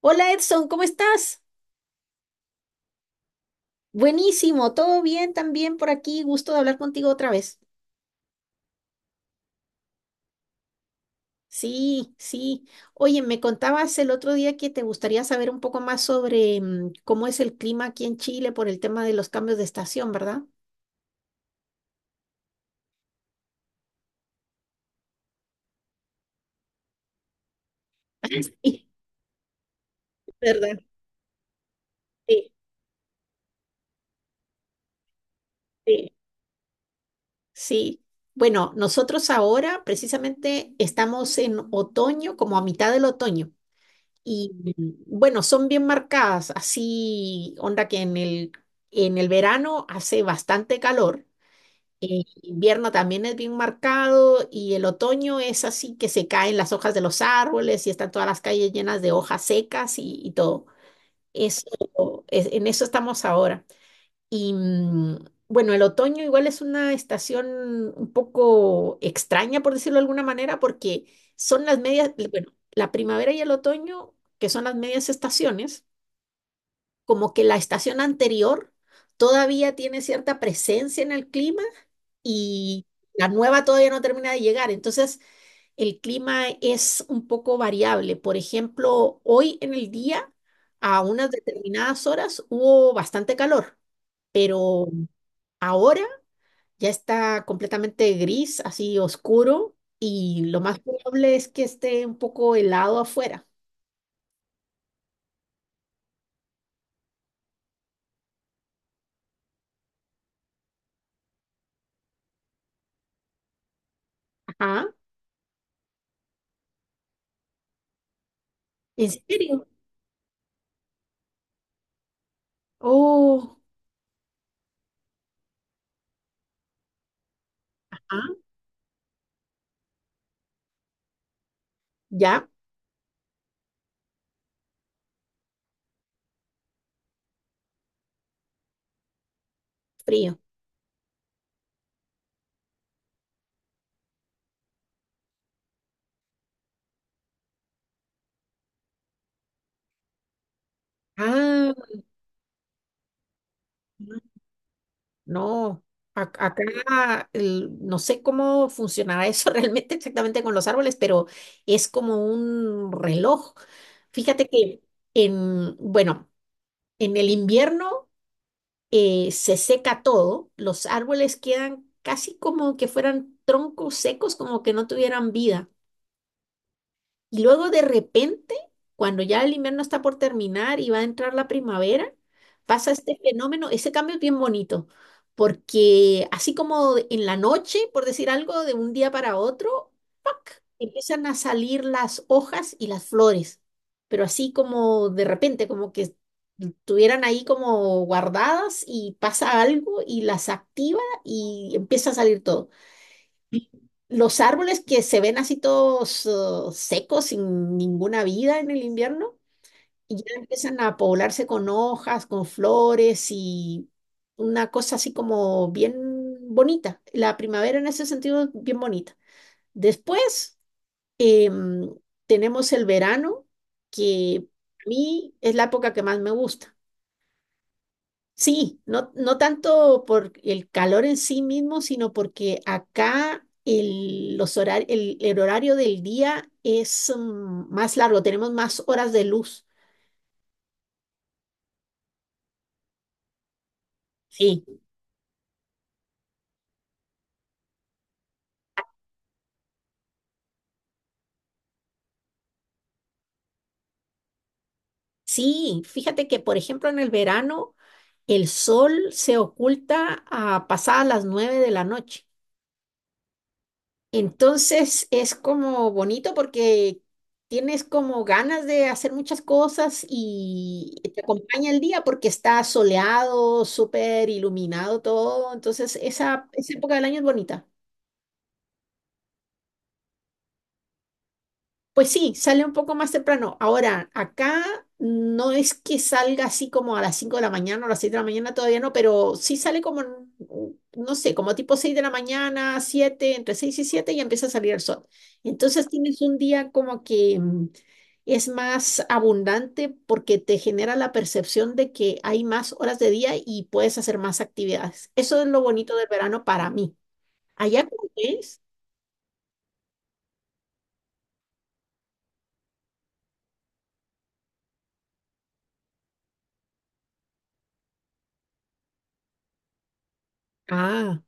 Hola, Edson, ¿cómo estás? Buenísimo, todo bien también por aquí, gusto de hablar contigo otra vez. Sí. Oye, me contabas el otro día que te gustaría saber un poco más sobre cómo es el clima aquí en Chile por el tema de los cambios de estación, ¿verdad? Sí, ¿verdad? Sí, sí. Sí. Bueno, nosotros ahora precisamente estamos en otoño, como a mitad del otoño. Y bueno, son bien marcadas, así onda que en el verano hace bastante calor, invierno también es bien marcado y el otoño es así que se caen las hojas de los árboles y están todas las calles llenas de hojas secas y todo. Eso, en eso estamos ahora. Y bueno, el otoño igual es una estación un poco extraña, por decirlo de alguna manera, porque son las medias, bueno, la primavera y el otoño, que son las medias estaciones, como que la estación anterior todavía tiene cierta presencia en el clima y la nueva todavía no termina de llegar. Entonces, el clima es un poco variable. Por ejemplo, hoy en el día, a unas determinadas horas, hubo bastante calor, pero... Ahora ya está completamente gris, así oscuro, y lo más probable es que esté un poco helado afuera. Ajá. ¿En serio? Oh, ajá, ya, frío. Ah, no. Acá no sé cómo funcionará eso realmente exactamente con los árboles, pero es como un reloj. Fíjate que bueno, en el invierno. Se seca todo, los árboles quedan casi como que fueran troncos secos, como que no tuvieran vida. Y luego de repente, cuando ya el invierno está por terminar y va a entrar la primavera, pasa este fenómeno, ese cambio es bien bonito, porque así como en la noche, por decir algo, de un día para otro, ¡pac! Empiezan a salir las hojas y las flores, pero así como de repente, como que estuvieran ahí como guardadas y pasa algo y las activa y empieza a salir todo. Los árboles que se ven así todos secos, sin ninguna vida en el invierno, y ya empiezan a poblarse con hojas, con flores y una cosa así como bien bonita. La primavera en ese sentido es bien bonita. Después em, tenemos el verano, que a mí es la época que más me gusta. Sí, no, no tanto por el calor en sí mismo, sino porque acá el, el horario del día es más largo, tenemos más horas de luz. Sí, sí, fíjate que por ejemplo en el verano el sol se oculta a pasadas las nueve de la noche. Entonces es como bonito porque tienes como ganas de hacer muchas cosas y te acompaña el día porque está soleado, súper iluminado todo. Entonces esa época del año es bonita. Pues sí, sale un poco más temprano. Ahora, acá no es que salga así como a las 5 de la mañana o a las 6 de la mañana, todavía no, pero sí sale como, no sé, como tipo 6 de la mañana, siete, entre 6 y siete, y empieza a salir el sol. Entonces tienes un día como que es más abundante porque te genera la percepción de que hay más horas de día y puedes hacer más actividades. Eso es lo bonito del verano para mí. ¿Allá cómo es? Ah,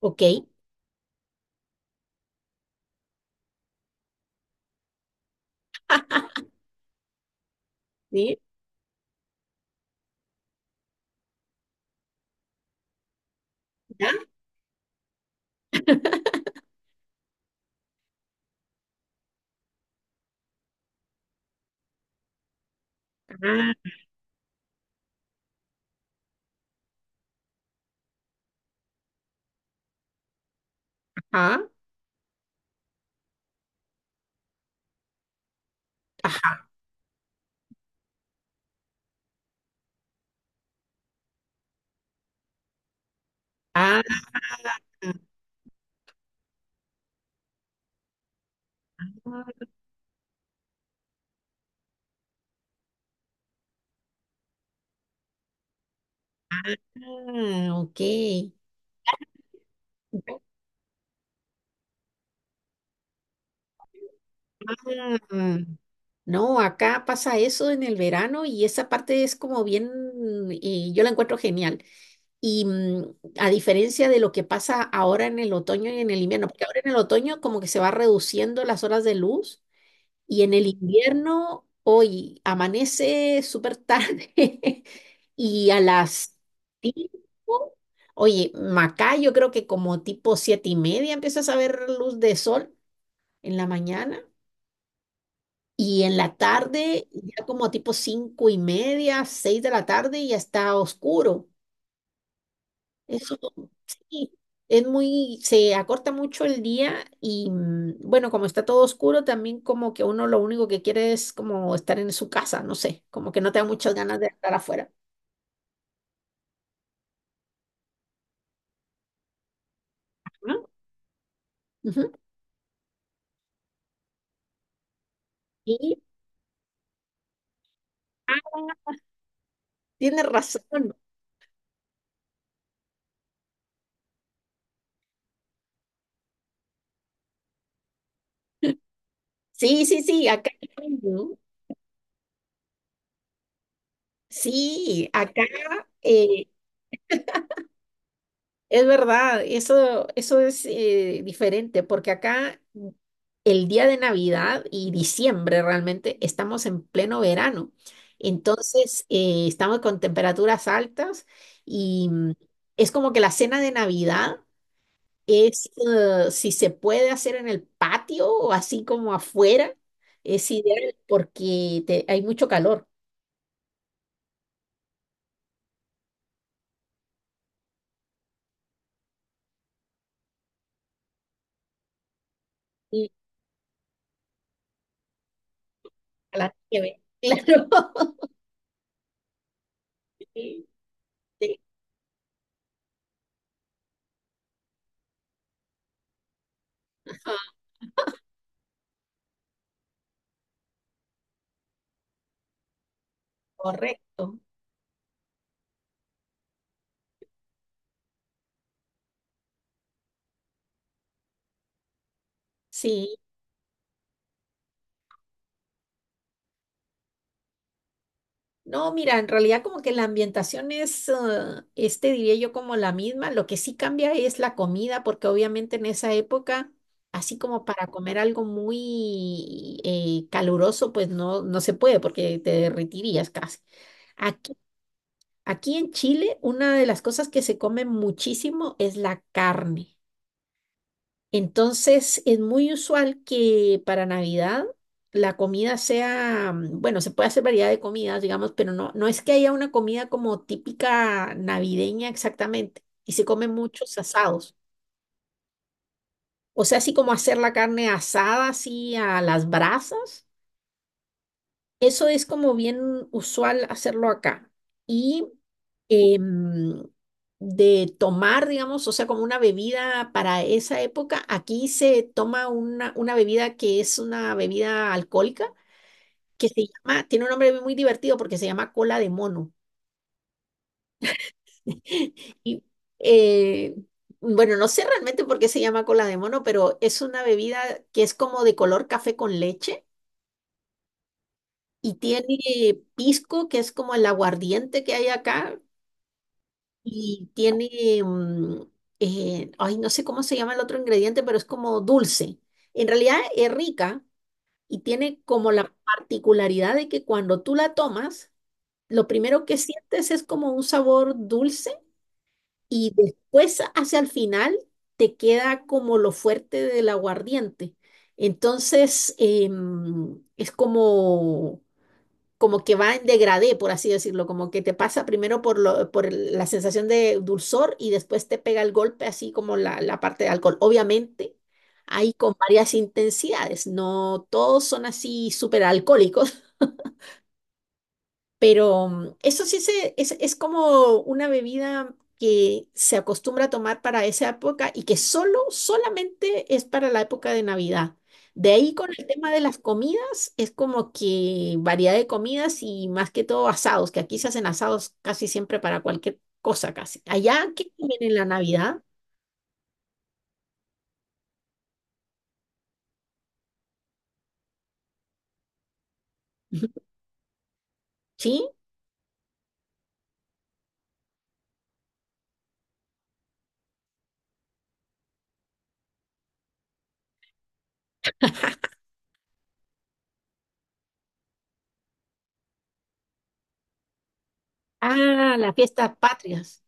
ok. ¿Sí? ¿Ya? Ah, ajá, ajá. Ah, ah, ok. Ah, no, acá pasa eso en el verano y esa parte es como bien, yo la encuentro genial. Y a diferencia de lo que pasa ahora en el otoño y en el invierno, porque ahora en el otoño como que se va reduciendo las horas de luz. Y en el invierno, hoy amanece súper tarde y a las 5, oye, Macá, yo creo que como tipo siete y media empiezas a ver luz de sol en la mañana, y en la tarde ya como tipo cinco y media, seis de la tarde, ya está oscuro. Eso, sí, es muy, se acorta mucho el día y bueno, como está todo oscuro, también como que uno lo único que quiere es como estar en su casa, no sé, como que no te da muchas ganas de estar afuera. ¿No? Ujú. Y ah, tienes razón. Sí, acá ¿no? Sí, acá eh, es verdad, eso es diferente, porque acá el día de Navidad y diciembre realmente estamos en pleno verano. Entonces, estamos con temperaturas altas y es como que la cena de Navidad es, si se puede hacer en el patio o así como afuera, es ideal porque hay mucho calor y a la nieve. Claro. Sí, sí, ajá, correcto. Sí. No, mira, en realidad como que la ambientación es, ah, este diría yo como la misma, lo que sí cambia es la comida, porque obviamente en esa época, así como para comer algo muy caluroso, pues no, no se puede porque te derretirías casi. Aquí, aquí en Chile, una de las cosas que se come muchísimo es la carne. Entonces, es muy usual que para Navidad la comida sea, bueno, se puede hacer variedad de comidas, digamos, pero no, no es que haya una comida como típica navideña exactamente. Y se comen muchos asados. O sea, así como hacer la carne asada, así a las brasas. Eso es como bien usual hacerlo acá. Y em, de tomar, digamos, o sea, como una bebida para esa época, aquí se toma una bebida que es una bebida alcohólica, que se llama, tiene un nombre muy divertido porque se llama Cola de Mono. Y, eh, bueno, no sé realmente por qué se llama Cola de Mono, pero es una bebida que es como de color café con leche y tiene pisco, que es como el aguardiente que hay acá. Y tiene, mm, ay, no sé cómo se llama el otro ingrediente, pero es como dulce. En realidad es rica y tiene como la particularidad de que cuando tú la tomas, lo primero que sientes es como un sabor dulce y después hacia el final te queda como lo fuerte del aguardiente. Entonces, es como como que va en degradé, por así decirlo, como que te pasa primero por, por la sensación de dulzor y después te pega el golpe, así como la parte de alcohol. Obviamente, hay con varias intensidades, no todos son así súper alcohólicos. Pero eso sí se, es como una bebida que se acostumbra a tomar para esa época y que solamente es para la época de Navidad. De ahí con el tema de las comidas, es como que variedad de comidas y más que todo asados, que aquí se hacen asados casi siempre para cualquier cosa casi. Allá, ¿qué comen en la Navidad? Ujú. ¿Sí? Ah, las fiestas patrias.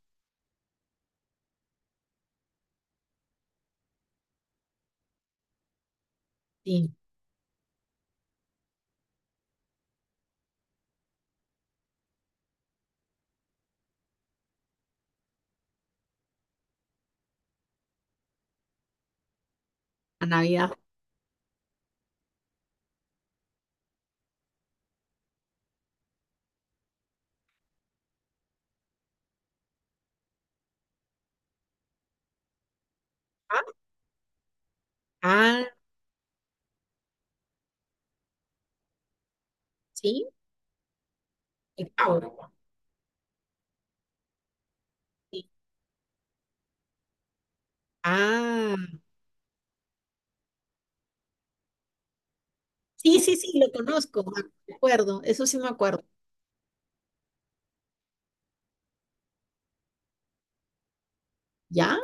Sí, la Navidad. Ah, ah, sí, el pavo. Sí. Ah. Sí, sí, sí, lo conozco, ah, me acuerdo, eso sí me acuerdo. ¿Ya?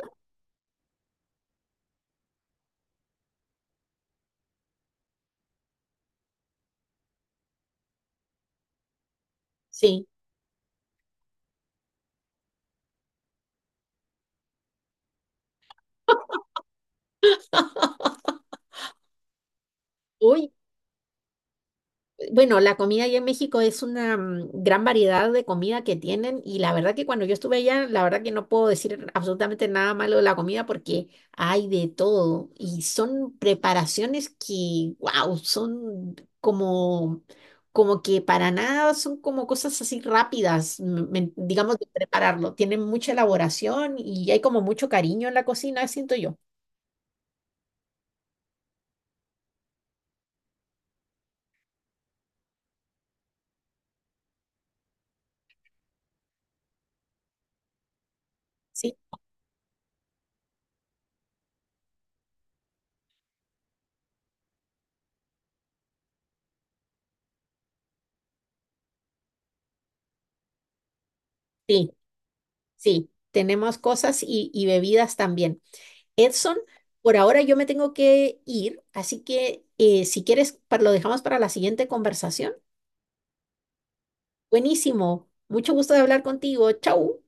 Sí. Uy, bueno, la comida allá en México es una gran variedad de comida que tienen y la verdad que cuando yo estuve allá, la verdad que no puedo decir absolutamente nada malo de la comida porque hay de todo y son preparaciones que, wow, son como, como que para nada son como cosas así rápidas, digamos, de prepararlo. Tienen mucha elaboración y hay como mucho cariño en la cocina, siento yo. ¿Sí? Sí, sí, tenemos cosas y bebidas también. Edson, por ahora yo me tengo que ir, así que si quieres, lo dejamos para la siguiente conversación. Buenísimo, mucho gusto de hablar contigo. Chau.